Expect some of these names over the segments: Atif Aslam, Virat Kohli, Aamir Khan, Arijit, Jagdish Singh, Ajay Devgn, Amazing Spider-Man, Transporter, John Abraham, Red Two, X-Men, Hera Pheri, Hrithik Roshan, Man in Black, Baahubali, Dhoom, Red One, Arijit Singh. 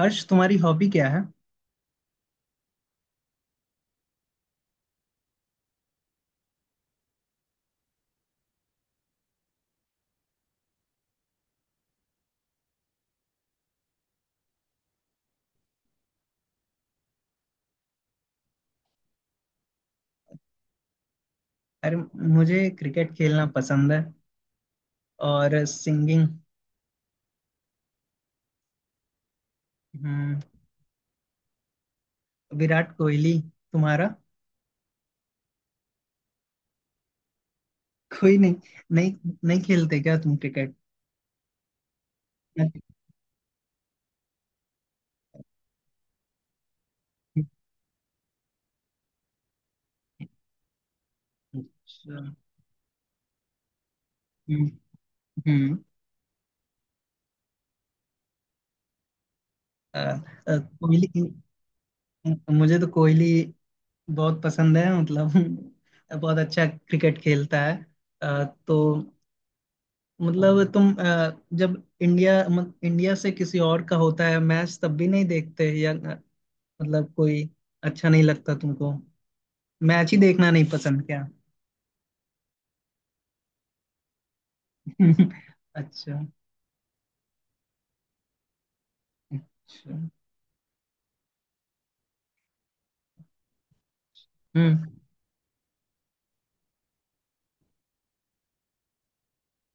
हर्ष, तुम्हारी हॉबी क्या है? अरे, मुझे क्रिकेट खेलना पसंद है। और सिंगिंग। हम्म। विराट कोहली। तुम्हारा? कोई नहीं। नहीं, नहीं, खेलते क्या तुम क्रिकेट? अच्छा। हम्म। हम्म, अ, कोहली। मुझे तो कोहली बहुत पसंद है, मतलब बहुत अच्छा क्रिकेट खेलता है। तो मतलब तुम, जब इंडिया इंडिया से किसी और का होता है मैच, तब भी नहीं देखते, या मतलब कोई अच्छा नहीं लगता तुमको? मैच ही देखना नहीं पसंद क्या? अच्छा। अच्छा। हम्म।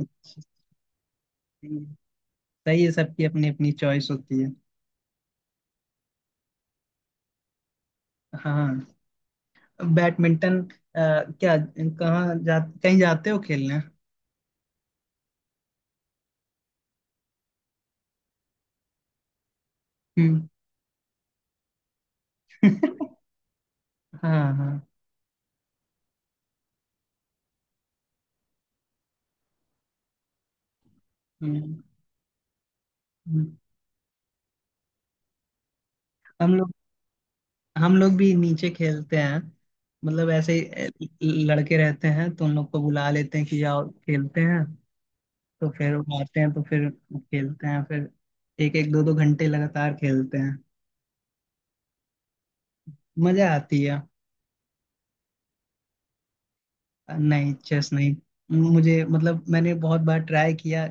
अच्छा, सही है। सही है, सबकी अपनी अपनी चॉइस होती है। हाँ। बैडमिंटन, क्या, कहाँ जा कहीं जाते हो खेलने? हम्म। हाँ, हाँ। हम्म, हम्म। हम लोग हम लोग भी नीचे खेलते हैं, मतलब ऐसे ही लड़के रहते हैं तो उन लोग को बुला लेते हैं कि जाओ खेलते हैं। तो फिर वो आते हैं तो फिर खेलते हैं फिर एक एक दो दो घंटे लगातार खेलते हैं। मजा आती है। नहीं, चेस नहीं। मुझे मतलब मैंने बहुत बार ट्राई किया,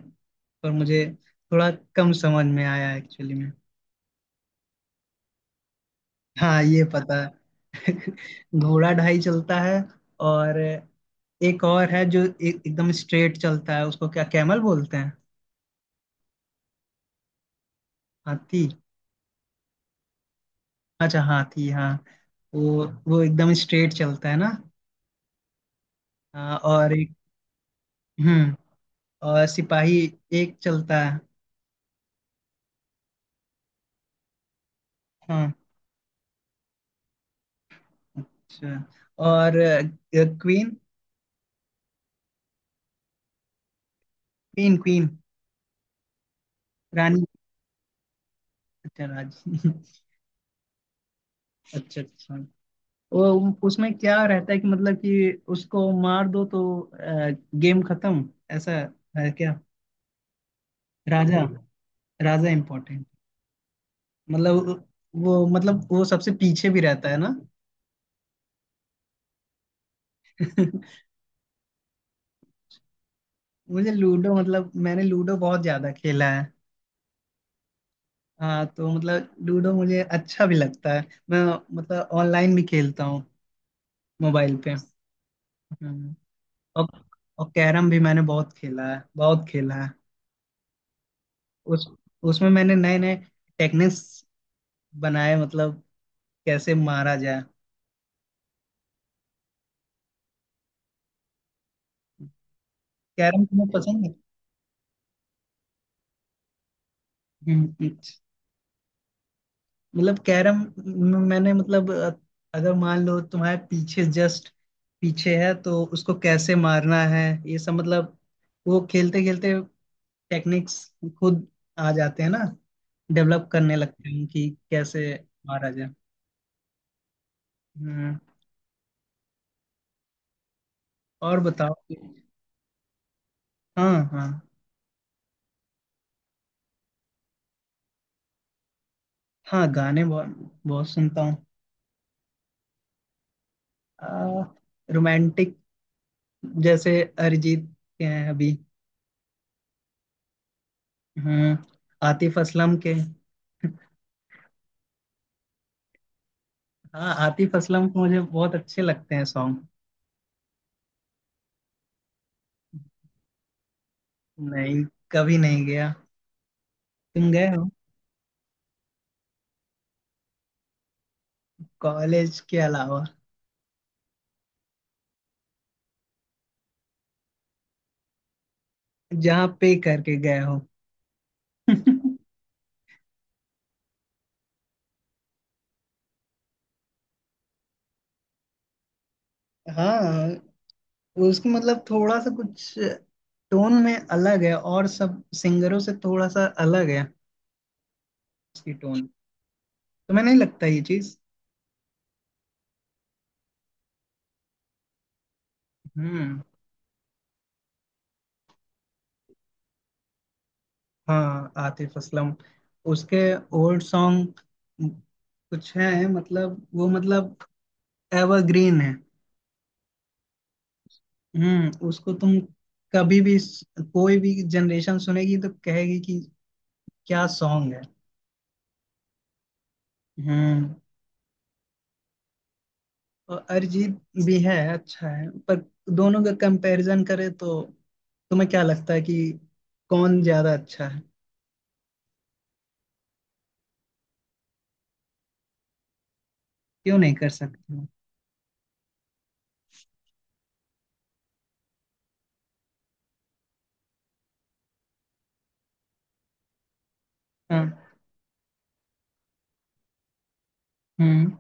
पर मुझे थोड़ा कम समझ में आया, एक्चुअली में। हाँ, ये पता है। घोड़ा ढाई चलता है। और एक और है जो एकदम स्ट्रेट चलता है। उसको क्या, कैमल बोलते हैं? हाथी। अच्छा, हाथी, हाँ। वो एकदम स्ट्रेट चलता है ना? हाँ, और एक। हम्म। और सिपाही एक चलता है। हाँ, अच्छा। और क्वीन, क्वीन। क्वीन, रानी। अच्छा, राज। अच्छा, अच्छा। वो, उसमें क्या रहता है कि, मतलब कि उसको मार दो तो गेम खत्म, ऐसा है क्या? राजा, राजा इम्पोर्टेंट। मतलब वो, मतलब वो सबसे पीछे भी रहता है ना? मुझे लूडो, मतलब मैंने लूडो बहुत ज्यादा खेला है। हाँ, तो मतलब लूडो मुझे अच्छा भी लगता है। मैं मतलब ऑनलाइन भी खेलता हूँ, मोबाइल पे। हम्म। और और कैरम भी मैंने बहुत खेला है, बहुत खेला है। उस उसमें मैंने नए नए टेक्निक्स बनाए, मतलब कैसे मारा जाए। कैरम तुम्हें पसंद है? हम्म। मतलब कैरम में मैंने, मतलब, अगर मान लो तुम्हारे पीछे, जस्ट पीछे है, तो उसको कैसे मारना है, ये सब मतलब वो खेलते खेलते टेक्निक्स खुद आ जाते हैं ना, डेवलप करने लगते हैं कि कैसे मारा जाए। हम्म। और बताओ। हाँ, हाँ। हाँ, गाने बहुत, बहुत सुनता हूँ। आ, रोमांटिक, जैसे अरिजीत के हैं अभी। हम्म। आतिफ असलम के। हाँ, आतिफ असलम के मुझे बहुत अच्छे लगते हैं सॉन्ग। नहीं, कभी नहीं गया। तुम गए हो? कॉलेज के अलावा? जहाँ पे करके गए हो? हाँ, उसकी मतलब थोड़ा सा कुछ टोन में अलग है, और सब सिंगरों से थोड़ा सा अलग है उसकी टोन। तुम्हें नहीं लगता ये चीज? हम्म। हाँ, आतिफ असलम, उसके ओल्ड सॉन्ग कुछ हैं, मतलब वो मतलब एवरग्रीन है। हम्म। उसको तुम कभी भी कोई भी जनरेशन सुनेगी तो कहेगी कि क्या सॉन्ग है। हम्म। और अरिजीत भी है, अच्छा है, पर दोनों का कंपैरिजन करे तो तुम्हें क्या लगता है कि कौन ज्यादा अच्छा है? क्यों नहीं कर सकते हो? हाँ। हम्म।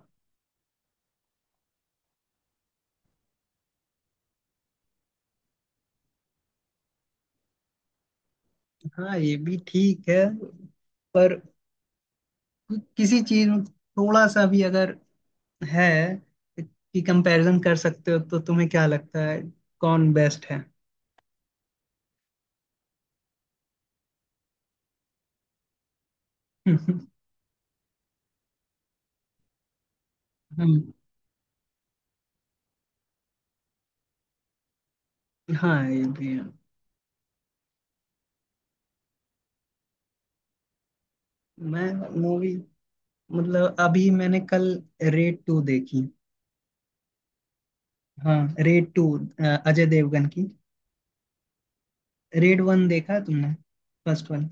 हाँ, ये भी ठीक है, पर किसी चीज में थोड़ा सा भी अगर है कि कंपैरिजन कर सकते हो तो तुम्हें क्या लगता है, कौन बेस्ट है? हम्म। हाँ, ये भी है। मैं मूवी मतलब अभी मैंने कल रेड टू देखी। हाँ, रेड टू, अजय देवगन की। रेड वन देखा है तुमने? First one?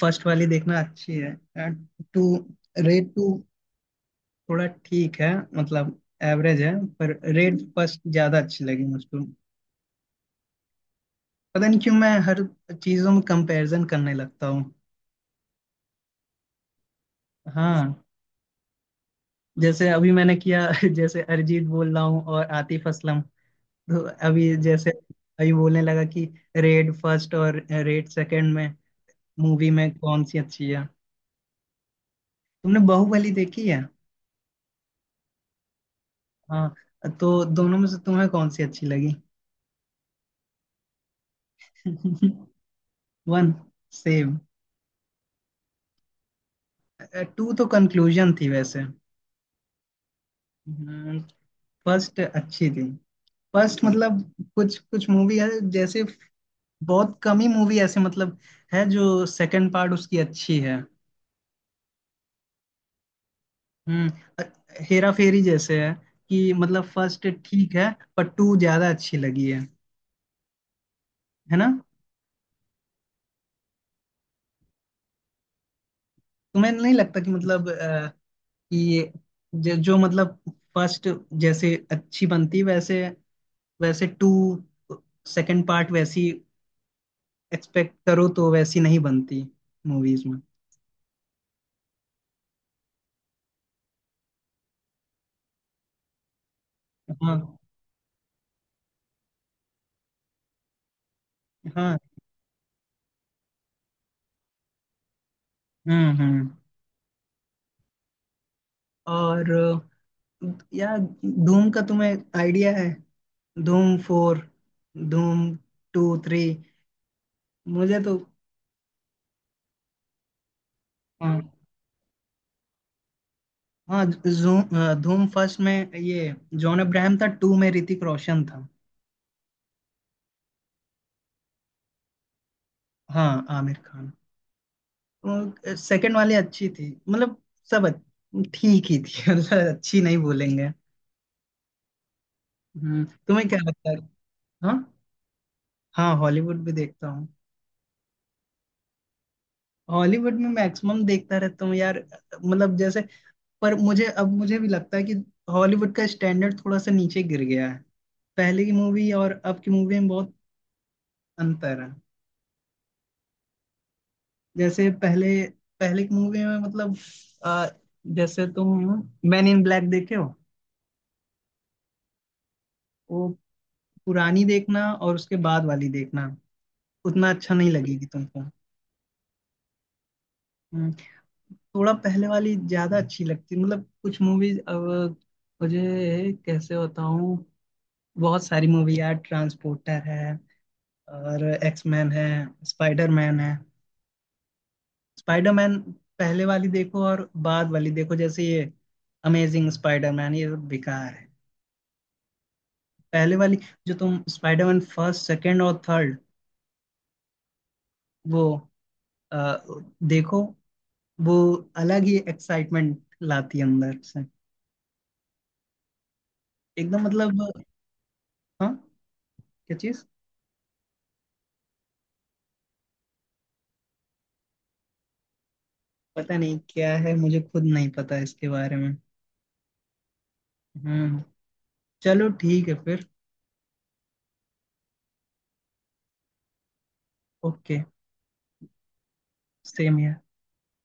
फर्स्ट वाली देखना अच्छी है। टू, रेड टू थोड़ा ठीक है, मतलब एवरेज है, पर रेड फर्स्ट ज्यादा अच्छी लगी मुझको। पता नहीं क्यों मैं हर चीजों में कंपैरिजन करने लगता हूँ। हाँ, जैसे अभी मैंने किया जैसे अरिजीत बोल रहा हूँ और आतिफ असलम, तो अभी जैसे अभी बोलने लगा कि रेड फर्स्ट और रेड सेकंड में, मूवी में कौन सी अच्छी है। तुमने बाहुबली देखी है? हाँ। तो दोनों में से तुम्हें कौन सी अच्छी लगी? One, same. टू तो कंक्लूजन थी वैसे। फर्स्ट अच्छी थी। फर्स्ट मतलब कुछ कुछ मूवी है जैसे, बहुत कम ही मूवी ऐसे मतलब है जो सेकंड पार्ट उसकी अच्छी है। हम्म। हेरा फेरी जैसे है, कि मतलब फर्स्ट ठीक है, पर टू ज्यादा अच्छी लगी है ना? तुम्हें नहीं लगता कि मतलब, कि ये जो मतलब फर्स्ट जैसे अच्छी बनती, वैसे वैसे टू, सेकंड पार्ट वैसी एक्सपेक्ट करो तो वैसी नहीं बनती मूवीज में? हाँ, हाँ। हम्म, हम्म। और यार, धूम का तुम्हें आइडिया है? धूम फोर, धूम टू, थ्री, मुझे तो। हाँ, हाँ, धूम फर्स्ट में ये जॉन अब्राहम था, टू में ऋतिक रोशन था। हाँ, आमिर खान। तो सेकंड वाली अच्छी थी, मतलब सब ठीक ही थी मतलब अच्छी नहीं बोलेंगे। हम्म। तुम्हें क्या लगता है? हाँ, हाँ, हॉलीवुड भी देखता हूँ। हॉलीवुड में मैक्सिमम देखता रहता हूँ यार, मतलब जैसे, पर मुझे अब मुझे भी लगता है कि हॉलीवुड का स्टैंडर्ड थोड़ा सा नीचे गिर गया है। पहले की मूवी और अब की मूवी में बहुत अंतर है। जैसे पहले, पहले की मूवी में मतलब, अ, जैसे तुम मैन इन ब्लैक देखे हो, वो पुरानी देखना और उसके बाद वाली देखना, उतना अच्छा नहीं लगेगी तुमको। हम्म। थोड़ा पहले वाली ज्यादा अच्छी लगती, मतलब कुछ मूवीज अब, मुझे कैसे बताऊं, बहुत सारी मूवी यार, ट्रांसपोर्टर है, और एक्समैन है, स्पाइडरमैन है। स्पाइडरमैन पहले वाली देखो और बाद वाली देखो, जैसे ये अमेजिंग स्पाइडरमैन, ये सब बेकार है। पहले वाली, जो तुम स्पाइडरमैन फर्स्ट, सेकंड और थर्ड वो, अ, देखो, वो अलग ही एक्साइटमेंट लाती है अंदर से एकदम, मतलब। हाँ, क्या चीज? पता नहीं क्या है, मुझे खुद नहीं पता इसके बारे में। हम्म। चलो ठीक है फिर। ओके। सेम।